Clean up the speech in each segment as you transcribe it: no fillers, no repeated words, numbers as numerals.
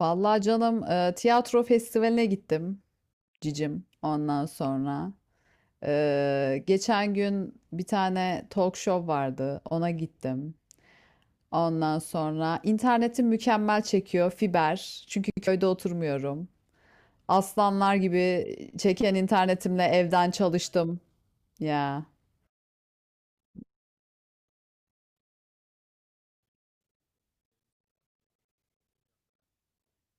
Vallahi canım tiyatro festivaline gittim cicim ondan sonra. Geçen gün bir tane talk show vardı, ona gittim. Ondan sonra internetim mükemmel çekiyor, fiber, çünkü köyde oturmuyorum. Aslanlar gibi çeken internetimle evden çalıştım ya.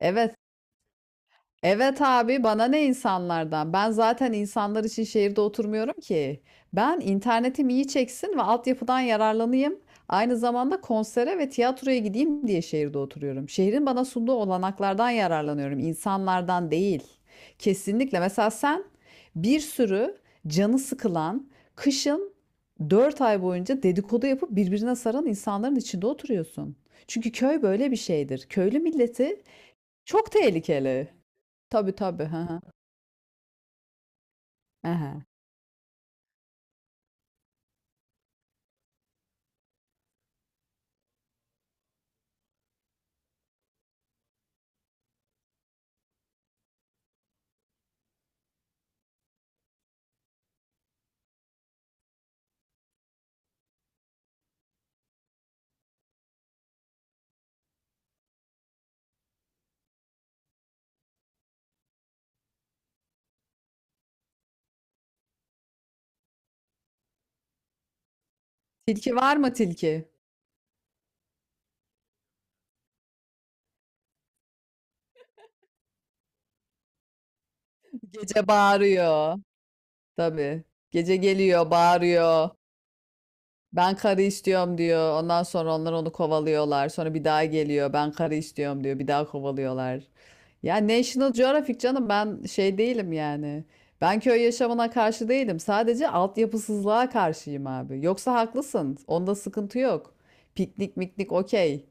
Evet. Evet abi, bana ne insanlardan? Ben zaten insanlar için şehirde oturmuyorum ki. Ben internetim iyi çeksin ve altyapıdan yararlanayım, aynı zamanda konsere ve tiyatroya gideyim diye şehirde oturuyorum. Şehrin bana sunduğu olanaklardan yararlanıyorum, insanlardan değil. Kesinlikle. Mesela sen bir sürü canı sıkılan, kışın 4 ay boyunca dedikodu yapıp birbirine saran insanların içinde oturuyorsun. Çünkü köy böyle bir şeydir. Köylü milleti çok tehlikeli. Tabii, tabii. Hı hı. Hı hı. Tilki var mı tilki? Gece bağırıyor. Tabii. Gece geliyor, bağırıyor. Ben karı istiyorum diyor. Ondan sonra onlar onu kovalıyorlar. Sonra bir daha geliyor. Ben karı istiyorum diyor. Bir daha kovalıyorlar. Ya National Geographic canım, ben şey değilim yani. Ben köy yaşamına karşı değilim. Sadece altyapısızlığa karşıyım abi. Yoksa haklısın, onda sıkıntı yok. Piknik miknik okey.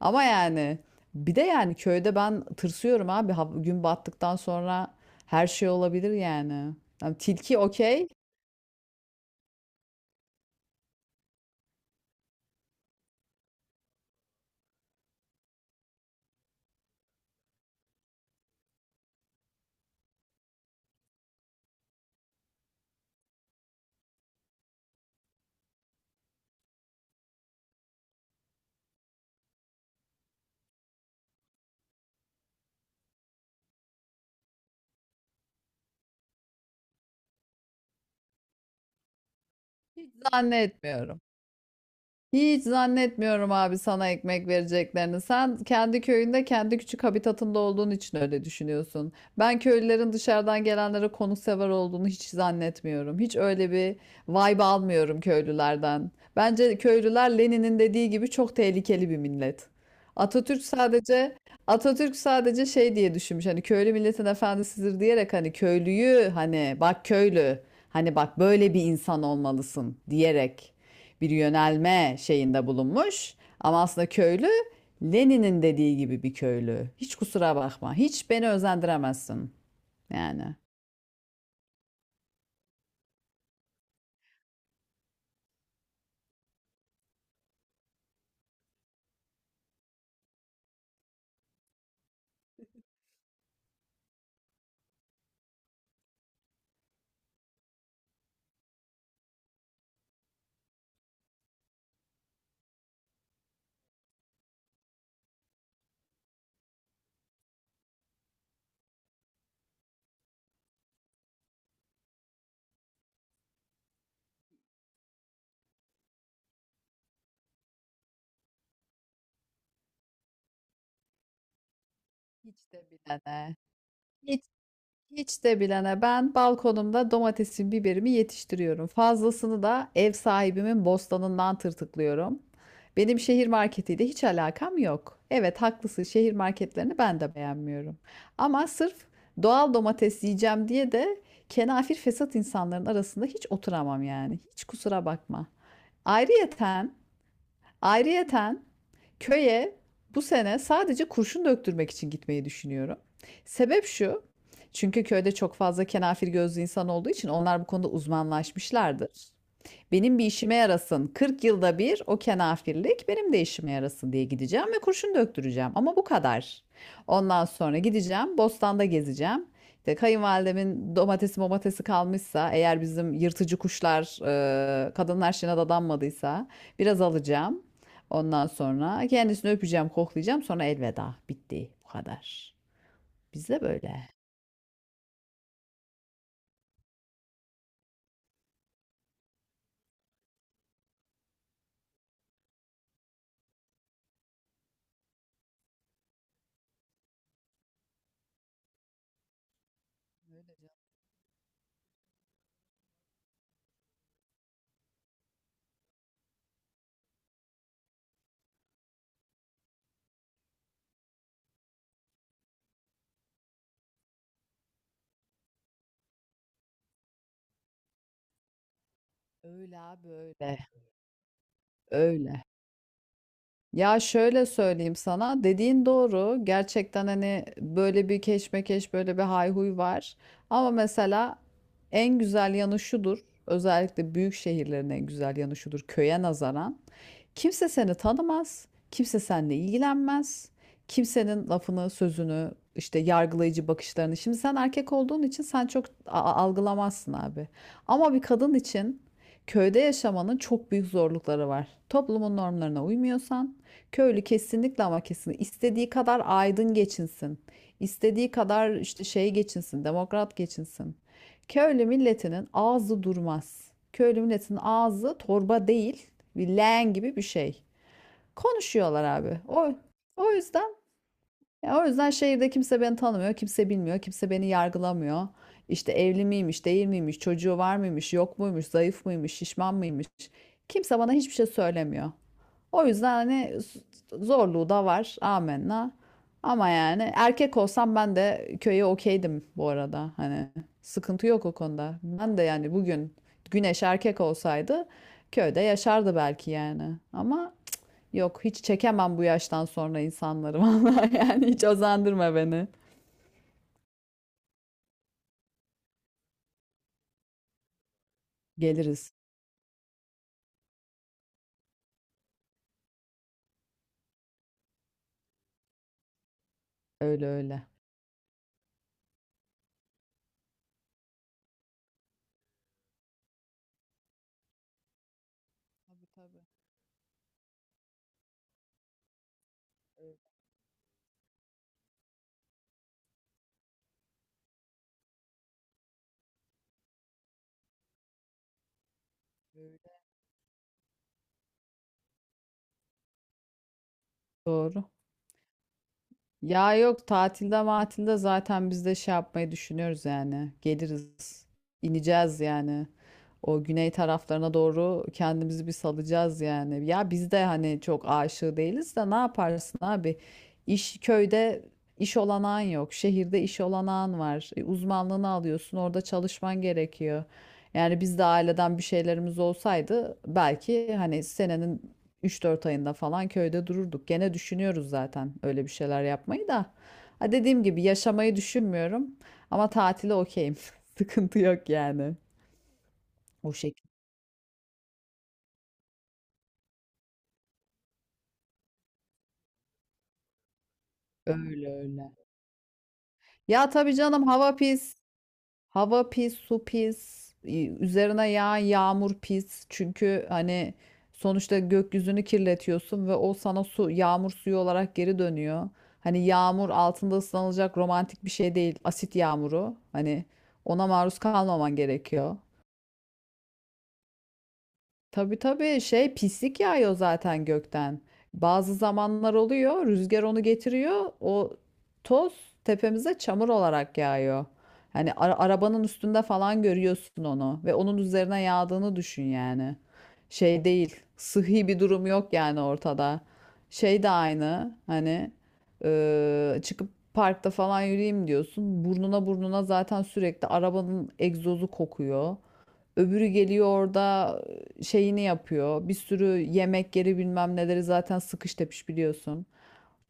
Ama yani bir de yani köyde ben tırsıyorum abi. Gün battıktan sonra her şey olabilir yani. Yani tilki okey, zannetmiyorum. Hiç zannetmiyorum abi, sana ekmek vereceklerini. Sen kendi köyünde, kendi küçük habitatında olduğun için öyle düşünüyorsun. Ben köylülerin dışarıdan gelenlere konuksever olduğunu hiç zannetmiyorum. Hiç öyle bir vibe almıyorum köylülerden. Bence köylüler Lenin'in dediği gibi çok tehlikeli bir millet. Atatürk sadece Atatürk sadece şey diye düşünmüş. Hani köylü milletin efendisidir diyerek, hani köylüyü, hani bak köylü, hani bak böyle bir insan olmalısın diyerek bir yönelme şeyinde bulunmuş. Ama aslında köylü Lenin'in dediği gibi bir köylü. Hiç kusura bakma. Hiç beni özendiremezsin. Yani. Hiç de bile de. Hiç Hiç de bilene, ben balkonumda domatesimi, biberimi yetiştiriyorum. Fazlasını da ev sahibimin bostanından tırtıklıyorum. Benim şehir marketiyle hiç alakam yok. Evet, haklısın, şehir marketlerini ben de beğenmiyorum. Ama sırf doğal domates yiyeceğim diye de kenafir fesat insanların arasında hiç oturamam yani. Hiç kusura bakma. Ayrıyeten Ayrıyeten köye bu sene sadece kurşun döktürmek için gitmeyi düşünüyorum. Sebep şu, çünkü köyde çok fazla kenafir gözlü insan olduğu için onlar bu konuda uzmanlaşmışlardır. Benim bir işime yarasın. 40 yılda bir o kenafirlik benim de işime yarasın diye gideceğim ve kurşun döktüreceğim. Ama bu kadar. Ondan sonra gideceğim, bostanda gezeceğim. İşte kayınvalidemin domatesi momatesi kalmışsa, eğer bizim yırtıcı kuşlar, kadınlar şeyine dadanmadıysa biraz alacağım. Ondan sonra kendisini öpeceğim, koklayacağım. Sonra elveda. Bitti. Bu kadar. Bizde böyle. Öyle böyle. Öyle. Ya, şöyle söyleyeyim sana, dediğin doğru, gerçekten hani böyle bir keşmekeş, böyle bir hayhuy var ama mesela en güzel yanı şudur, özellikle büyük şehirlerin en güzel yanı şudur, köye nazaran kimse seni tanımaz, kimse seninle ilgilenmez, kimsenin lafını, sözünü, işte yargılayıcı bakışlarını. Şimdi sen erkek olduğun için sen çok algılamazsın abi. Ama bir kadın için köyde yaşamanın çok büyük zorlukları var. Toplumun normlarına uymuyorsan, köylü kesinlikle ama kesinlikle istediği kadar aydın geçinsin, istediği kadar işte şey geçinsin, demokrat geçinsin, köylü milletinin ağzı durmaz. Köylü milletinin ağzı torba değil, bir leğen gibi bir şey. Konuşuyorlar abi. O yüzden, ya o yüzden şehirde kimse beni tanımıyor, kimse bilmiyor, kimse beni yargılamıyor. İşte evli miymiş, değil miymiş, çocuğu var mıymış, yok muymuş, zayıf mıymış, şişman mıymış. Kimse bana hiçbir şey söylemiyor. O yüzden hani zorluğu da var. Amenna. Ama yani erkek olsam ben de köye okeydim bu arada. Hani sıkıntı yok o konuda. Ben de yani bugün Güneş erkek olsaydı köyde yaşardı belki yani. Ama yok, hiç çekemem bu yaştan sonra insanları. Vallahi yani, hiç özendürme beni. Geliriz. Öyle öyle. Doğru. Ya, yok, tatilde matilde zaten biz de şey yapmayı düşünüyoruz yani. Geliriz. İneceğiz yani. O güney taraflarına doğru kendimizi bir salacağız yani. Ya biz de hani çok aşığı değiliz de ne yaparsın abi? İş, köyde iş olanağın yok. Şehirde iş olanağın var. Uzmanlığını alıyorsun, orada çalışman gerekiyor. Yani biz de aileden bir şeylerimiz olsaydı belki hani senenin 3-4 ayında falan köyde dururduk. Gene düşünüyoruz zaten öyle bir şeyler yapmayı da. Ha, dediğim gibi yaşamayı düşünmüyorum ama tatile okeyim. Sıkıntı yok yani. O şekil. Öyle öyle. Ya tabii canım, hava pis. Hava pis, su pis, üzerine yağan yağmur pis. Çünkü hani sonuçta gökyüzünü kirletiyorsun ve o sana su, yağmur suyu olarak geri dönüyor. Hani yağmur altında ıslanılacak romantik bir şey değil. Asit yağmuru. Hani ona maruz kalmaman gerekiyor. Tabii tabii, şey, pislik yağıyor zaten gökten. Bazı zamanlar oluyor, rüzgar onu getiriyor, o toz tepemize çamur olarak yağıyor. Hani arabanın üstünde falan görüyorsun onu ve onun üzerine yağdığını düşün yani. Şey değil, sıhhi bir durum yok yani ortada. Şey de aynı hani, çıkıp parkta falan yürüyeyim diyorsun, burnuna burnuna zaten sürekli arabanın egzozu kokuyor. Öbürü geliyor orada şeyini yapıyor. Bir sürü yemek yeri bilmem neleri zaten sıkış tepiş biliyorsun.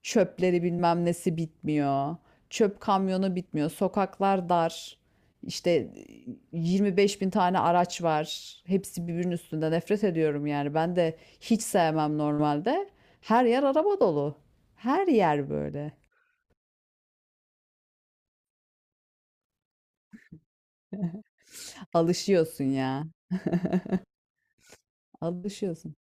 Çöpleri bilmem nesi bitmiyor. Çöp kamyonu bitmiyor. Sokaklar dar. İşte 25 bin tane araç var. Hepsi birbirinin üstünde. Nefret ediyorum yani. Ben de hiç sevmem normalde. Her yer araba dolu. Her yer böyle. Alışıyorsun ya. Alışıyorsun.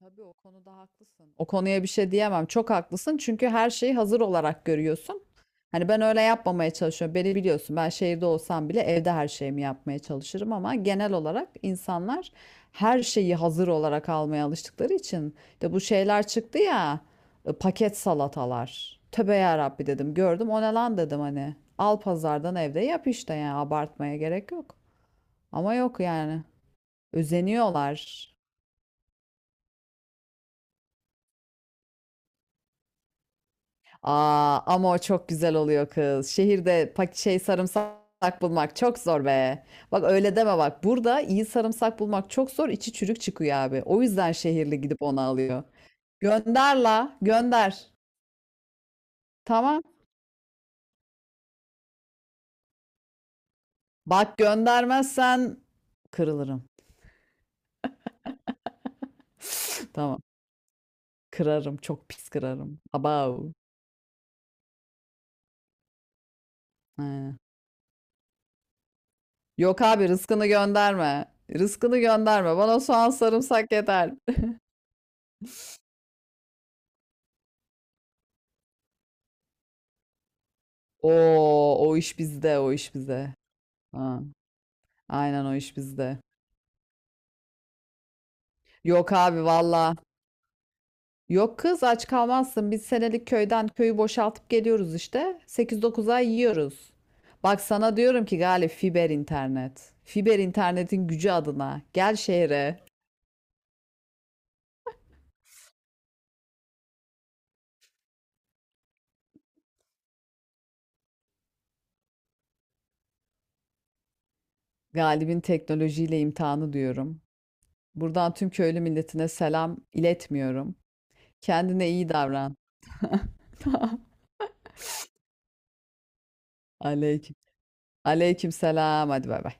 Tabii o konuda haklısın. O konuya bir şey diyemem. Çok haklısın çünkü her şeyi hazır olarak görüyorsun. Hani ben öyle yapmamaya çalışıyorum. Beni biliyorsun, ben şehirde olsam bile evde her şeyimi yapmaya çalışırım ama genel olarak insanlar her şeyi hazır olarak almaya alıştıkları için de bu şeyler çıktı ya, paket salatalar. Tövbe yarabbi dedim, gördüm, o ne lan dedim hani. Al pazardan, evde yap işte, yani abartmaya gerek yok. Ama yok yani, özeniyorlar. Aa, ama o çok güzel oluyor kız. Şehirde pak şey sarımsak bulmak çok zor be. Bak öyle deme bak. Burada iyi sarımsak bulmak çok zor. İçi çürük çıkıyor abi. O yüzden şehirli gidip onu alıyor. Gönder la, gönder. Tamam. Bak göndermezsen kırılırım. Tamam. Kırarım. Çok pis kırarım. Abav. He. Yok abi, rızkını gönderme. Rızkını gönderme. Bana soğan sarımsak yeter. Oo, o iş bizde, o iş bizde. Ha. Aynen, o iş bizde. Yok abi valla. Yok kız, aç kalmazsın. Biz senelik köyden köyü boşaltıp geliyoruz işte. 8-9 ay yiyoruz. Bak sana diyorum ki Galip, fiber internet. Fiber internetin gücü adına. Gel şehre. Galip'in teknolojiyle imtihanı diyorum. Buradan tüm köylü milletine selam iletmiyorum. Kendine iyi davran. Aleyküm. Aleyküm selam. Hadi bay bay.